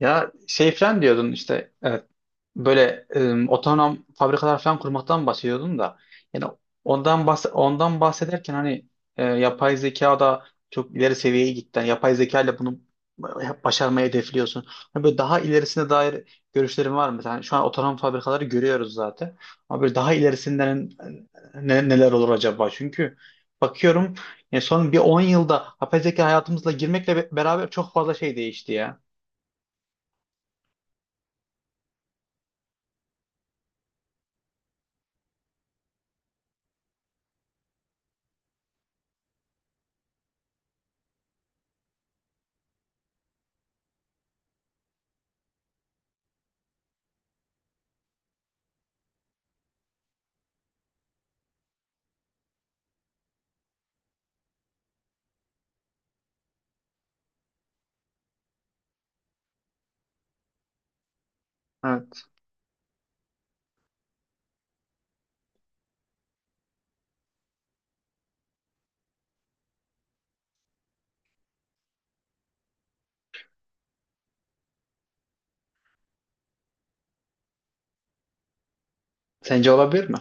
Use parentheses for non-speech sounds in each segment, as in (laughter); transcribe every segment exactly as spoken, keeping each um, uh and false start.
Ya şey falan diyordun işte evet, böyle e, otonom fabrikalar falan kurmaktan bahsediyordun da yani ondan bahs ondan bahsederken hani e, yapay zeka da çok ileri seviyeye gitti. Yani yapay zeka ile bunu e, başarmayı hedefliyorsun. Hani böyle daha ilerisine dair görüşlerin var mı? Yani şu an otonom fabrikaları görüyoruz zaten. Ama böyle daha ilerisinden ne- neler olur acaba? Çünkü bakıyorum yani son bir on yılda yapay zeka hayatımızla girmekle be- beraber çok fazla şey değişti ya. Evet. Sence olabilir mi?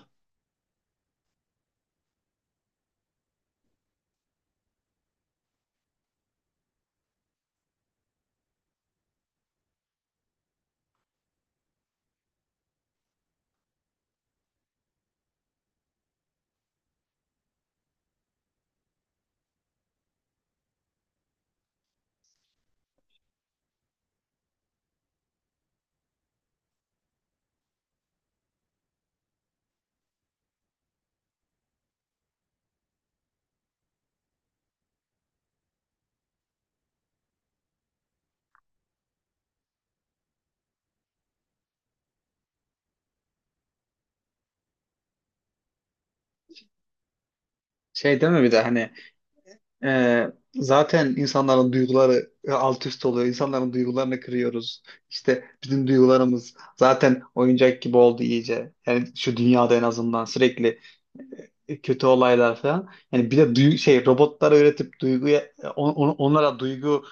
Şey değil mi bir de hani e, zaten insanların duyguları e, alt üst oluyor. İnsanların duygularını kırıyoruz. İşte bizim duygularımız zaten oyuncak gibi oldu iyice. Yani şu dünyada en azından sürekli e, kötü olaylar falan. Yani bir de duy- şey robotlara üretip duyguya e, on- on- onlara duygu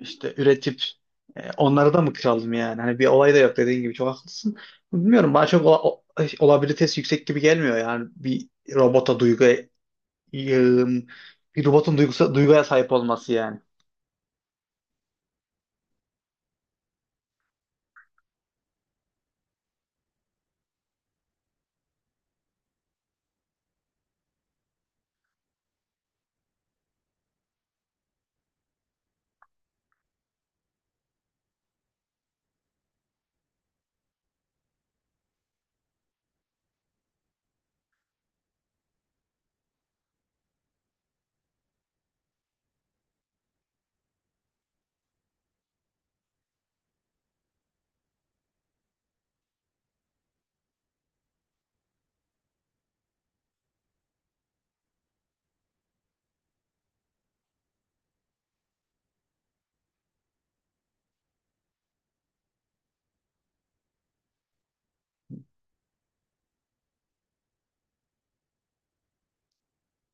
işte üretip e, onları da mı kıralım yani? Hani bir olay da yok dediğin gibi çok haklısın. Bilmiyorum bana çok ola- o- olabilitesi yüksek gibi gelmiyor yani bir robota duygu e, bir robotun duygusa, duyguya sahip olması yani.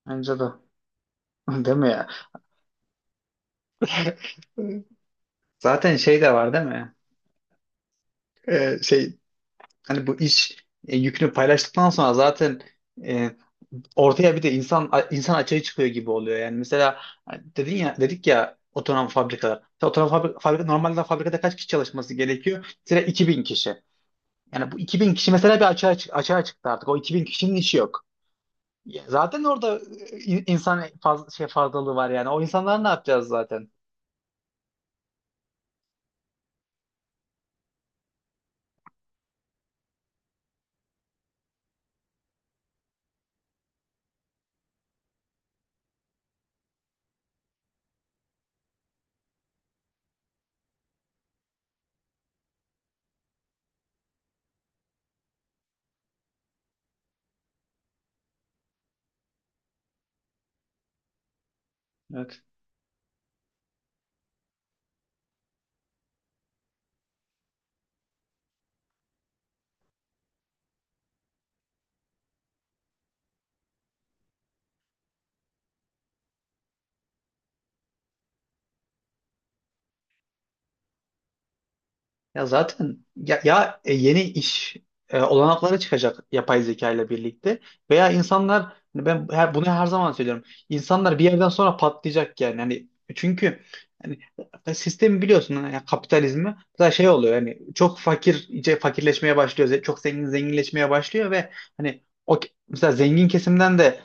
Bence de. (laughs) Değil mi ya? Zaten şey de var değil mi? Ee, şey hani bu iş e, yükünü paylaştıktan sonra zaten e, ortaya bir de insan a- insan açığı çıkıyor gibi oluyor. Yani mesela hani dedin ya dedik ya otonom fabrikalar. Mesela otonom fabri- fabrika normalde fabrikada kaç kişi çalışması gerekiyor? Mesela iki bin kişi. Yani bu iki bin kişi mesela bir açığa, çık- açığa çıktı artık. O iki bin kişinin işi yok. Ya zaten orada e, in- insan faz şey fazlalığı var yani. O insanlar ne yapacağız zaten? Evet. Ya zaten ya, ya e, yeni iş e, olanakları çıkacak yapay zeka ile birlikte veya insanlar hani ben her, bunu her zaman söylüyorum. İnsanlar bir yerden sonra patlayacak yani. Yani çünkü yani sistemi biliyorsun yani kapitalizmi mesela şey oluyor yani çok fakir iyice fakirleşmeye başlıyor. ze- Çok zengin zenginleşmeye başlıyor ve hani o ke- mesela zengin kesimden de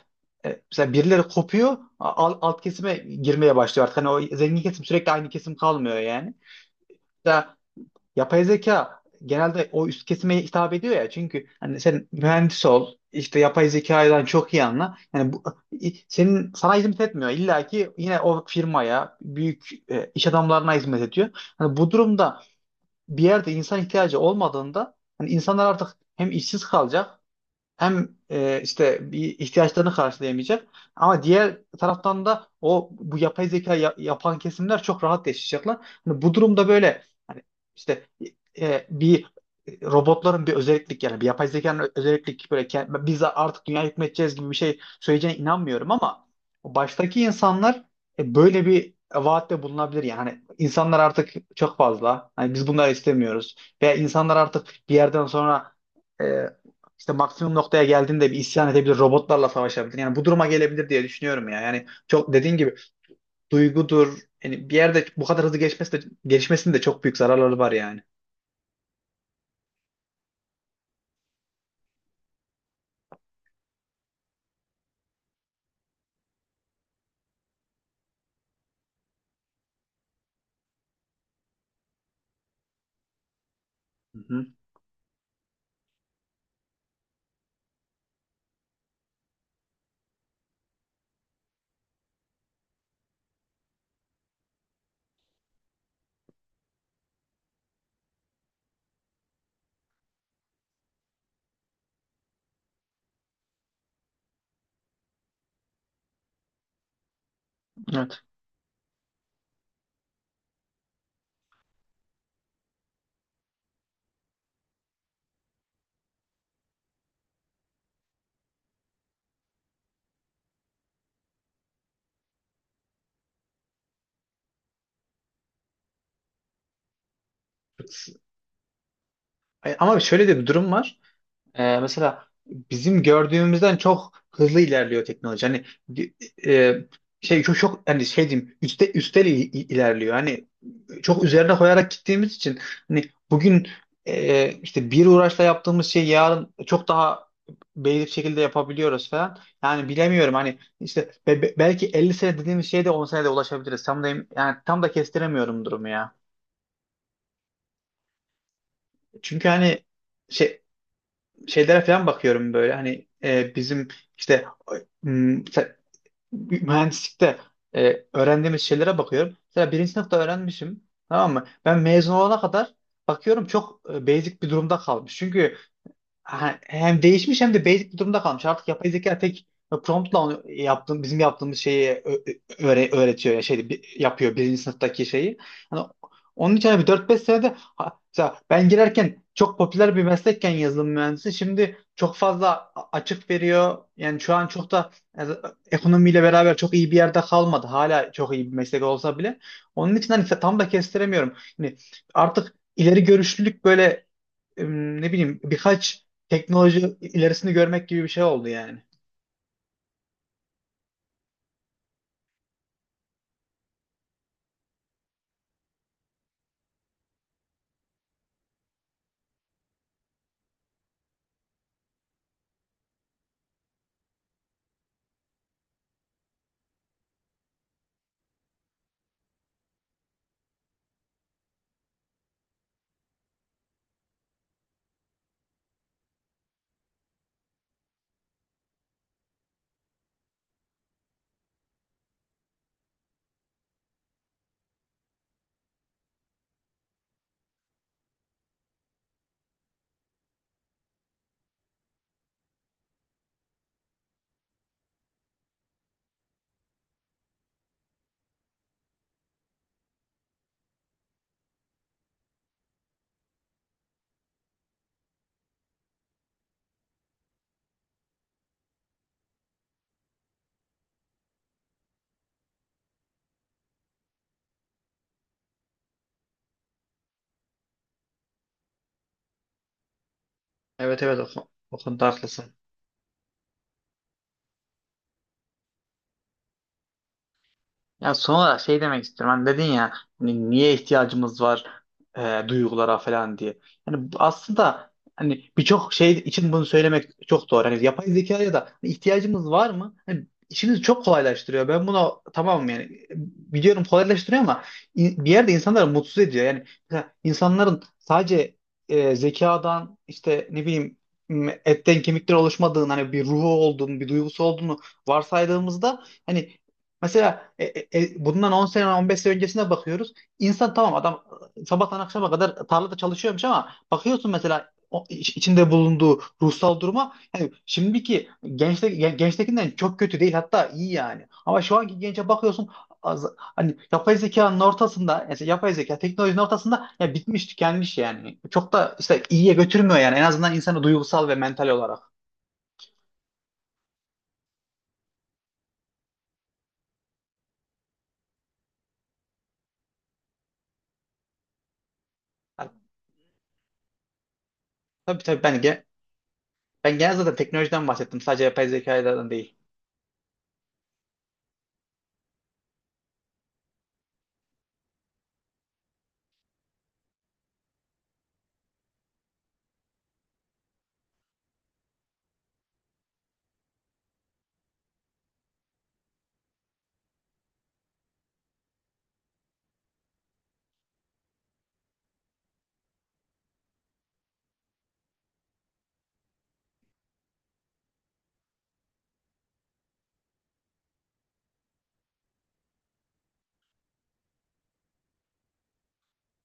e, mesela birileri kopuyor a- al- alt kesime girmeye başlıyor artık. Hani o zengin kesim sürekli aynı kesim kalmıyor yani yapay zeka genelde o üst kesime hitap ediyor ya çünkü hani sen mühendis ol işte yapay zekadan çok iyi anla yani bu, senin sana hizmet etmiyor illa ki yine o firmaya büyük e, iş adamlarına hizmet ediyor hani bu durumda bir yerde insan ihtiyacı olmadığında hani insanlar artık hem işsiz kalacak hem e, işte bir ihtiyaçlarını karşılayamayacak ama diğer taraftan da o bu yapay zeka ya- yapan kesimler çok rahat yaşayacaklar. Hani bu durumda böyle hani işte e, bir robotların bir özellik yani bir yapay zekanın ö- özellik böyle ke- biz artık dünya hükmedeceğiz gibi bir şey söyleyeceğine inanmıyorum ama baştaki insanlar e, böyle bir vaatte bulunabilir yani. Hani insanlar artık çok fazla hani biz bunları istemiyoruz veya insanlar artık bir yerden sonra e, işte maksimum noktaya geldiğinde bir isyan edebilir, robotlarla savaşabilir. Yani bu duruma gelebilir diye düşünüyorum ya. Yani çok dediğin gibi duygudur. Yani bir yerde bu kadar hızlı geçmesi de, gelişmesinin de çok büyük zararları var yani. Hı hı. Evet. E, Ama şöyle de bir durum var. Ee, mesela bizim gördüğümüzden çok hızlı ilerliyor teknoloji. Hani e, şey çok çok hani şey diyeyim üste üstel il- il- ilerliyor. Hani çok üzerine koyarak gittiğimiz için hani bugün e, işte bir uğraşla yaptığımız şeyi yarın çok daha belirli bir şekilde yapabiliyoruz falan. Yani bilemiyorum hani işte be- be- belki elli sene dediğimiz şeye de on senede ulaşabiliriz. Tam da em- yani tam da kestiremiyorum durumu ya. Çünkü hani şey şeylere falan bakıyorum böyle hani e, bizim işte m, se- mühendislikte e, öğrendiğimiz şeylere bakıyorum. Mesela birinci sınıfta öğrenmişim tamam mı? Ben mezun olana kadar bakıyorum çok e, basic bir durumda kalmış. Çünkü Ha- hem değişmiş hem de basic bir durumda kalmış. Artık yapay zeka tek promptla onu yaptığım, bizim yaptığımız şeyi ö- ö- öğre- öğretiyor ya şeydi bi- yapıyor birinci sınıftaki şeyi. Hani onun için hani bir dört beş senede ha, mesela ben girerken çok popüler bir meslekken yazılım mühendisi şimdi çok fazla a- açık veriyor. Yani şu an çok da yani, ekonomiyle beraber çok iyi bir yerde kalmadı. Hala çok iyi bir meslek olsa bile. Onun için hani tam da kestiremiyorum. Yani artık ileri görüşlülük böyle ım, ne bileyim birkaç teknoloji ilerisini görmek gibi bir şey oldu yani. Evet, evet, o, o konuda haklısın. Ya son olarak şey demek istiyorum. Hani dedin ya hani niye ihtiyacımız var e, duygulara falan diye. Yani bu aslında hani birçok şey için bunu söylemek çok doğru. Hani yapay zekaya da ihtiyacımız var mı? Hani işimizi çok kolaylaştırıyor. Ben buna tamamım yani. Biliyorum kolaylaştırıyor ama in- bir yerde insanları mutsuz ediyor. Yani mesela insanların sadece e, zekadan işte ne bileyim m- etten kemikten oluşmadığını hani bir ruhu olduğunu, bir duygusu olduğunu varsaydığımızda hani mesela e, e, e, bundan on sene on beş sene öncesine bakıyoruz. İnsan tamam adam e, sabahtan akşama kadar tarlada çalışıyormuş ama bakıyorsun mesela o iç- içinde bulunduğu ruhsal duruma yani şimdiki gençte, gen- gençtekinden çok kötü değil hatta iyi yani. Ama şu anki gence bakıyorsun az, hani yapay zekanın ortasında mesela yapay zeka teknolojinin ortasında ya bitmiş tükenmiş yani. Çok da işte iyiye götürmüyor yani en azından insanı duygusal ve mental olarak. Yani tabii, tabii ben ge- ben genel zaten teknolojiden bahsettim. Sadece yapay zekadan değil.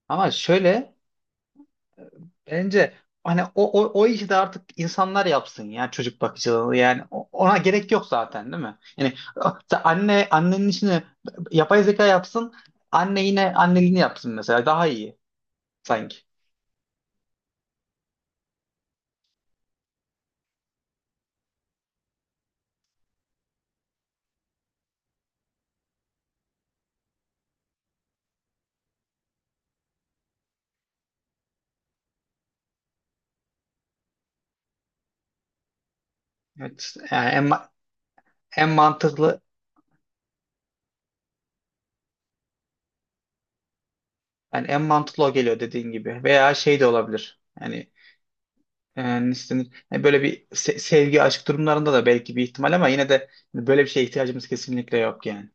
Ama şöyle bence hani o, o, o işi de artık insanlar yapsın ya çocuk bakıcılığı yani o- ona gerek yok zaten değil mi? Yani o- sen anne annenin işini yapay zeka yapsın anne yine anneliğini yapsın mesela daha iyi sanki. Evet, yani en, ma- en mantıklı yani en mantıklı o geliyor dediğin gibi veya şey de olabilir. Yani Yani istenir. Yani böyle bir se- sevgi, aşk durumlarında da belki bir ihtimal ama yine de hani böyle bir şeye ihtiyacımız kesinlikle yok yani.